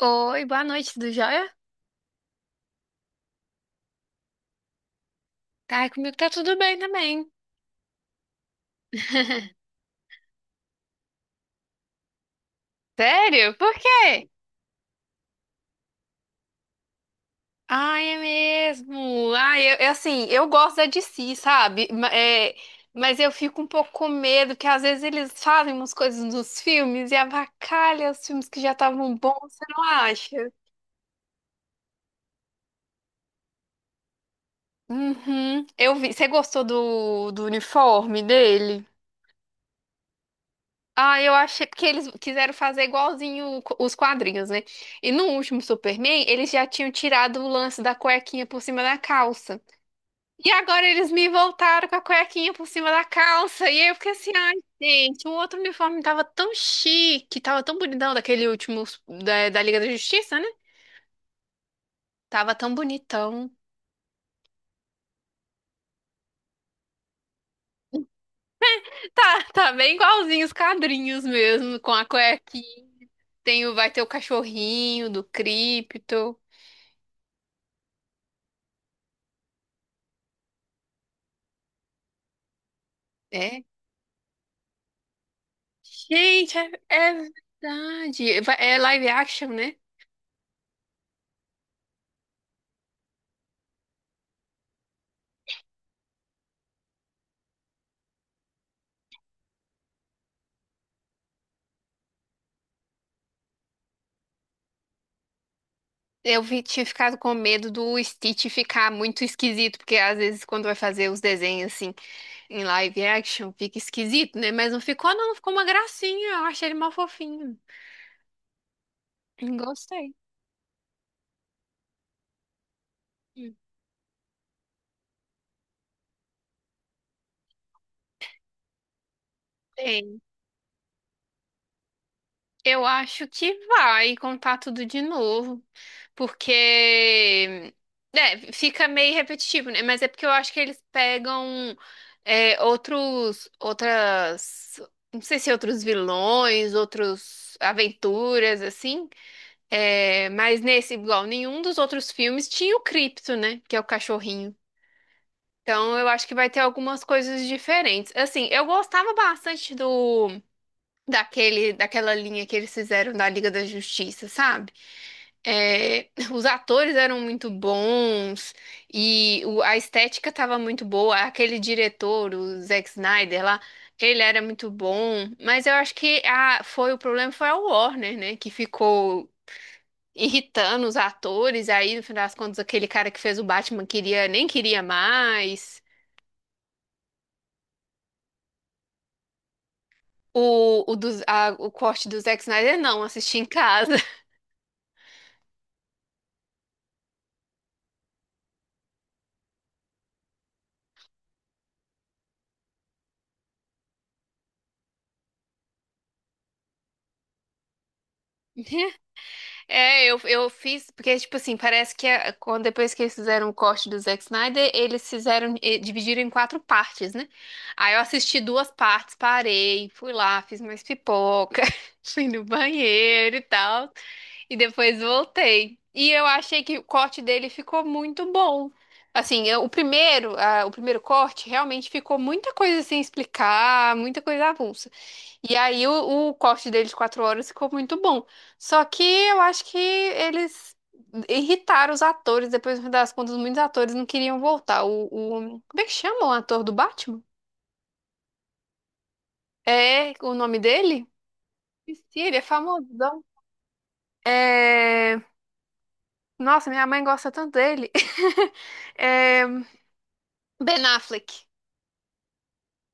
Oi, boa noite, tudo jóia? Ai, comigo tá tudo bem também. Sério? Por quê? Ai, é mesmo. Ai, assim, eu gosto da DC, sabe? É, mas eu fico um pouco com medo, que às vezes eles fazem umas coisas nos filmes e avacalha os filmes que já estavam bons, você não acha? Uhum. Eu vi. Você gostou do uniforme dele? Ah, eu achei porque eles quiseram fazer igualzinho os quadrinhos, né? E no último Superman, eles já tinham tirado o lance da cuequinha por cima da calça. E agora eles me voltaram com a cuequinha por cima da calça. E aí eu fiquei assim, ai, gente, o outro uniforme tava tão chique, tava tão bonitão daquele último da Liga da Justiça, né? Tava tão bonitão. Tá, tá bem igualzinho os quadrinhos mesmo, com a cuequinha. Tem o, vai ter o cachorrinho do Krypto. Gente, é verdade. É live action, né? Tinha ficado com medo do Stitch ficar muito esquisito, porque às vezes quando vai fazer os desenhos assim em live action, fica esquisito, né? Mas não ficou, não, ficou uma gracinha. Eu achei ele mal fofinho. Gostei. Hum. Tem. Eu acho que vai contar tudo de novo. Porque, né, fica meio repetitivo, né? Mas é porque eu acho que eles pegam é, outras, não sei se outros vilões, outros aventuras, assim. É, mas nesse, igual, nenhum dos outros filmes tinha o Cripto, né? Que é o cachorrinho. Então eu acho que vai ter algumas coisas diferentes. Assim, eu gostava bastante do daquela linha que eles fizeram da Liga da Justiça, sabe? É, os atores eram muito bons e a estética estava muito boa. Aquele diretor, o Zack Snyder lá, ele era muito bom. Mas eu acho que a, foi o problema foi a Warner, né? Que ficou irritando os atores. Aí, no final das contas, aquele cara que fez o Batman queria nem queria mais. O corte do Zack Snyder, não, assisti em casa. É, eu fiz, porque, tipo assim, parece que quando, depois que eles fizeram o corte do Zack Snyder, eles fizeram, dividiram em quatro partes, né? Aí eu assisti duas partes, parei, fui lá, fiz mais pipoca, fui no banheiro e tal, e depois voltei. E eu achei que o corte dele ficou muito bom. Assim, o primeiro, ah, o primeiro corte realmente ficou muita coisa sem explicar, muita coisa avulsa. E aí o corte deles de quatro horas ficou muito bom. Só que eu acho que eles irritaram os atores. Depois, no fim das contas, muitos atores não queriam voltar. Como é que chama o ator do Batman? É o nome dele? Esqueci, ele é famosão. É... Nossa, minha mãe gosta tanto dele. É... Ben Affleck.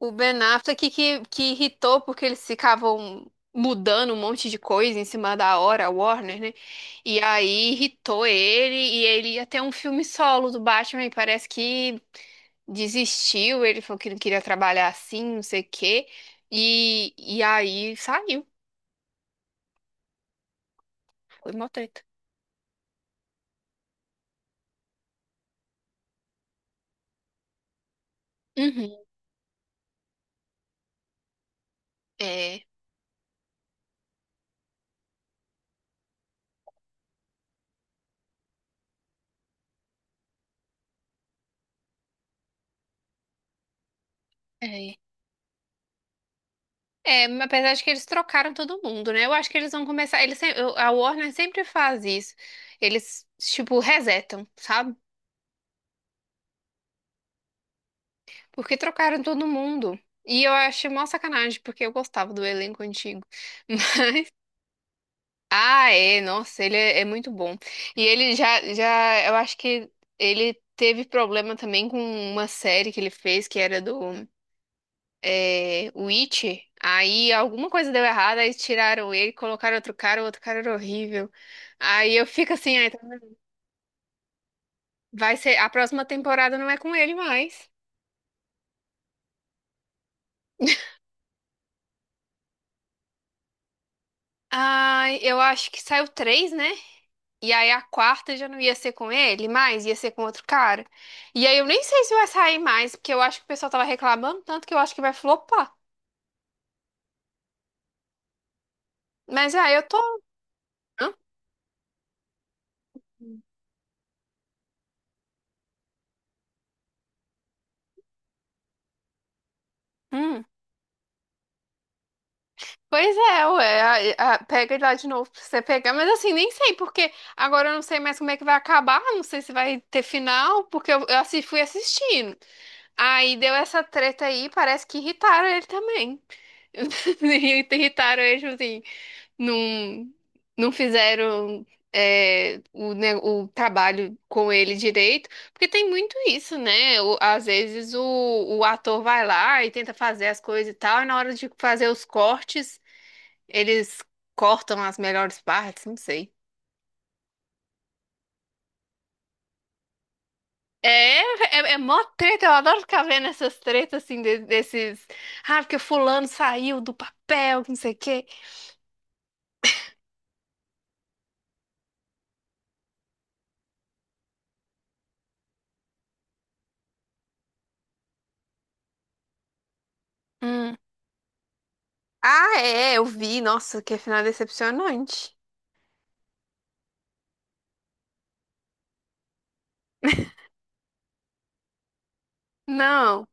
O Ben Affleck que irritou porque eles ficavam mudando um monte de coisa em cima da hora, a Warner, né? E aí irritou ele e ele ia ter um filme solo do Batman e parece que desistiu, ele falou que não queria trabalhar assim, não sei o quê. E aí saiu, foi mó treta. Uhum. É, é. É, mas apesar de que eles trocaram todo mundo, né? Eu acho que eles vão começar. Eles, sem- eu- A Warner sempre faz isso. Eles, tipo, resetam, sabe? Porque trocaram todo mundo. E eu achei mó sacanagem, porque eu gostava do elenco antigo. Ah, é, nossa, é muito bom. E ele já, eu acho que ele teve problema também com uma série que ele fez, que era do é, Witcher. Aí alguma coisa deu errado, aí tiraram ele, colocaram outro cara, o outro cara era horrível. Aí eu fico assim, ah, então vai ser, a próxima temporada não é com ele mais. Ah, eu acho que saiu três, né? E aí a quarta já não ia ser com ele mais, ia ser com outro cara. E aí eu nem sei se vai sair mais, porque eu acho que o pessoal tava reclamando tanto que eu acho que vai flopar. Mas aí eu tô. Hã? Hum. Pois é, ué, pega ele lá de novo pra você pegar, mas assim, nem sei, porque agora eu não sei mais como é que vai acabar, não sei se vai ter final, porque fui assistindo. Aí deu essa treta aí, parece que irritaram ele também. Irritaram ele, tipo assim. Não, não fizeram é, o trabalho com ele direito, porque tem muito isso, né? O- às vezes o ator vai lá e tenta fazer as coisas e tal, e na hora de fazer os cortes, eles cortam as melhores partes, não sei. É, é mó treta, eu adoro ficar vendo essas tretas assim, desses. Ah, porque fulano saiu do papel, que não sei o quê. Hum. Ah, é, eu vi, nossa, que é final decepcionante. Não.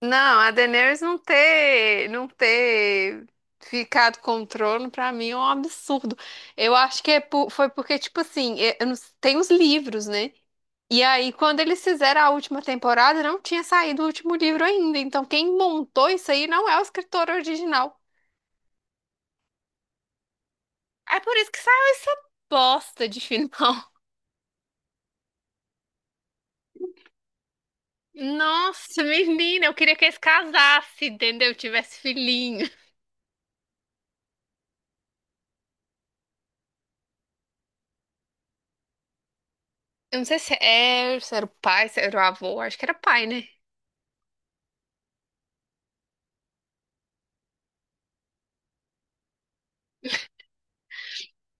Não, a Daenerys não ter ficado com o trono, pra mim é um absurdo. Eu acho que é foi porque, tipo assim, é- eu não- tem os livros, né? E aí, quando eles fizeram a última temporada, não tinha saído o último livro ainda. Então, quem montou isso aí não é o escritor original. É por isso que saiu essa bosta de final. Nossa, menina, eu queria que eles casassem, entendeu? Tivesse filhinho. Eu não sei se era, se era o pai, se era o avô, acho que era pai, né?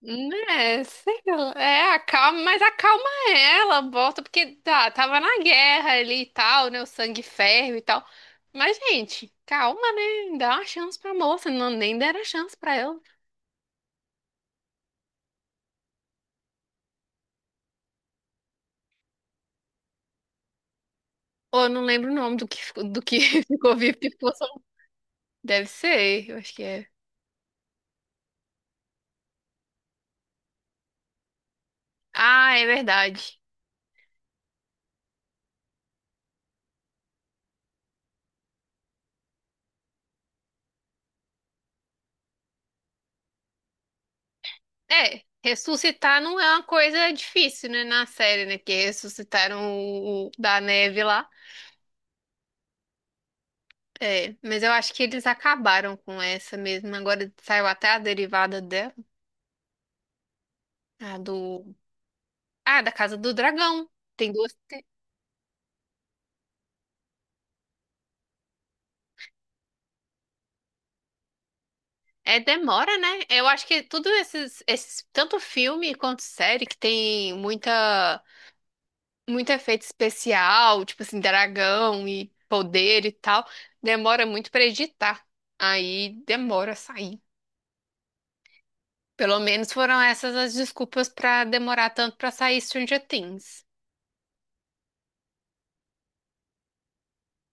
Né, sei lá, é, acalma, mas acalma ela, bota, porque tá, tava na guerra ali e tal, né, o sangue ferve e tal, mas gente, calma, né, dá uma chance pra moça, não, nem deram chance pra ela, ou eu não lembro o nome do que, do que ficou vivo, que ficou só, um. Deve ser, eu acho que é, ah, é verdade, é, ressuscitar não é uma coisa difícil, né, na série, né, que ressuscitaram o da neve lá, É, mas eu acho que eles acabaram com essa mesmo. Agora saiu até a derivada dela, a do, ah, da Casa do Dragão. Tem duas. É, demora, né? Eu acho que tudo esses, tanto filme quanto série que tem muita, muito efeito especial, tipo assim, dragão e poder e tal, demora muito pra editar. Aí demora a sair. Pelo menos foram essas as desculpas pra demorar tanto pra sair Stranger Things.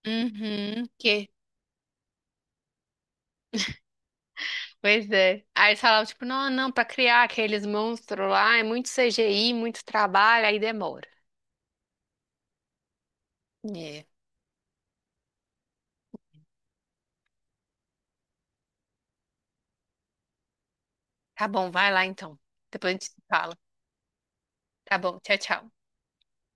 Uhum, que Pois é. Aí eles falavam, tipo, não, pra criar aqueles monstros lá é muito CGI, muito trabalho, aí demora. É. Tá bom, vai lá então. Depois a gente se fala. Tá bom, tchau.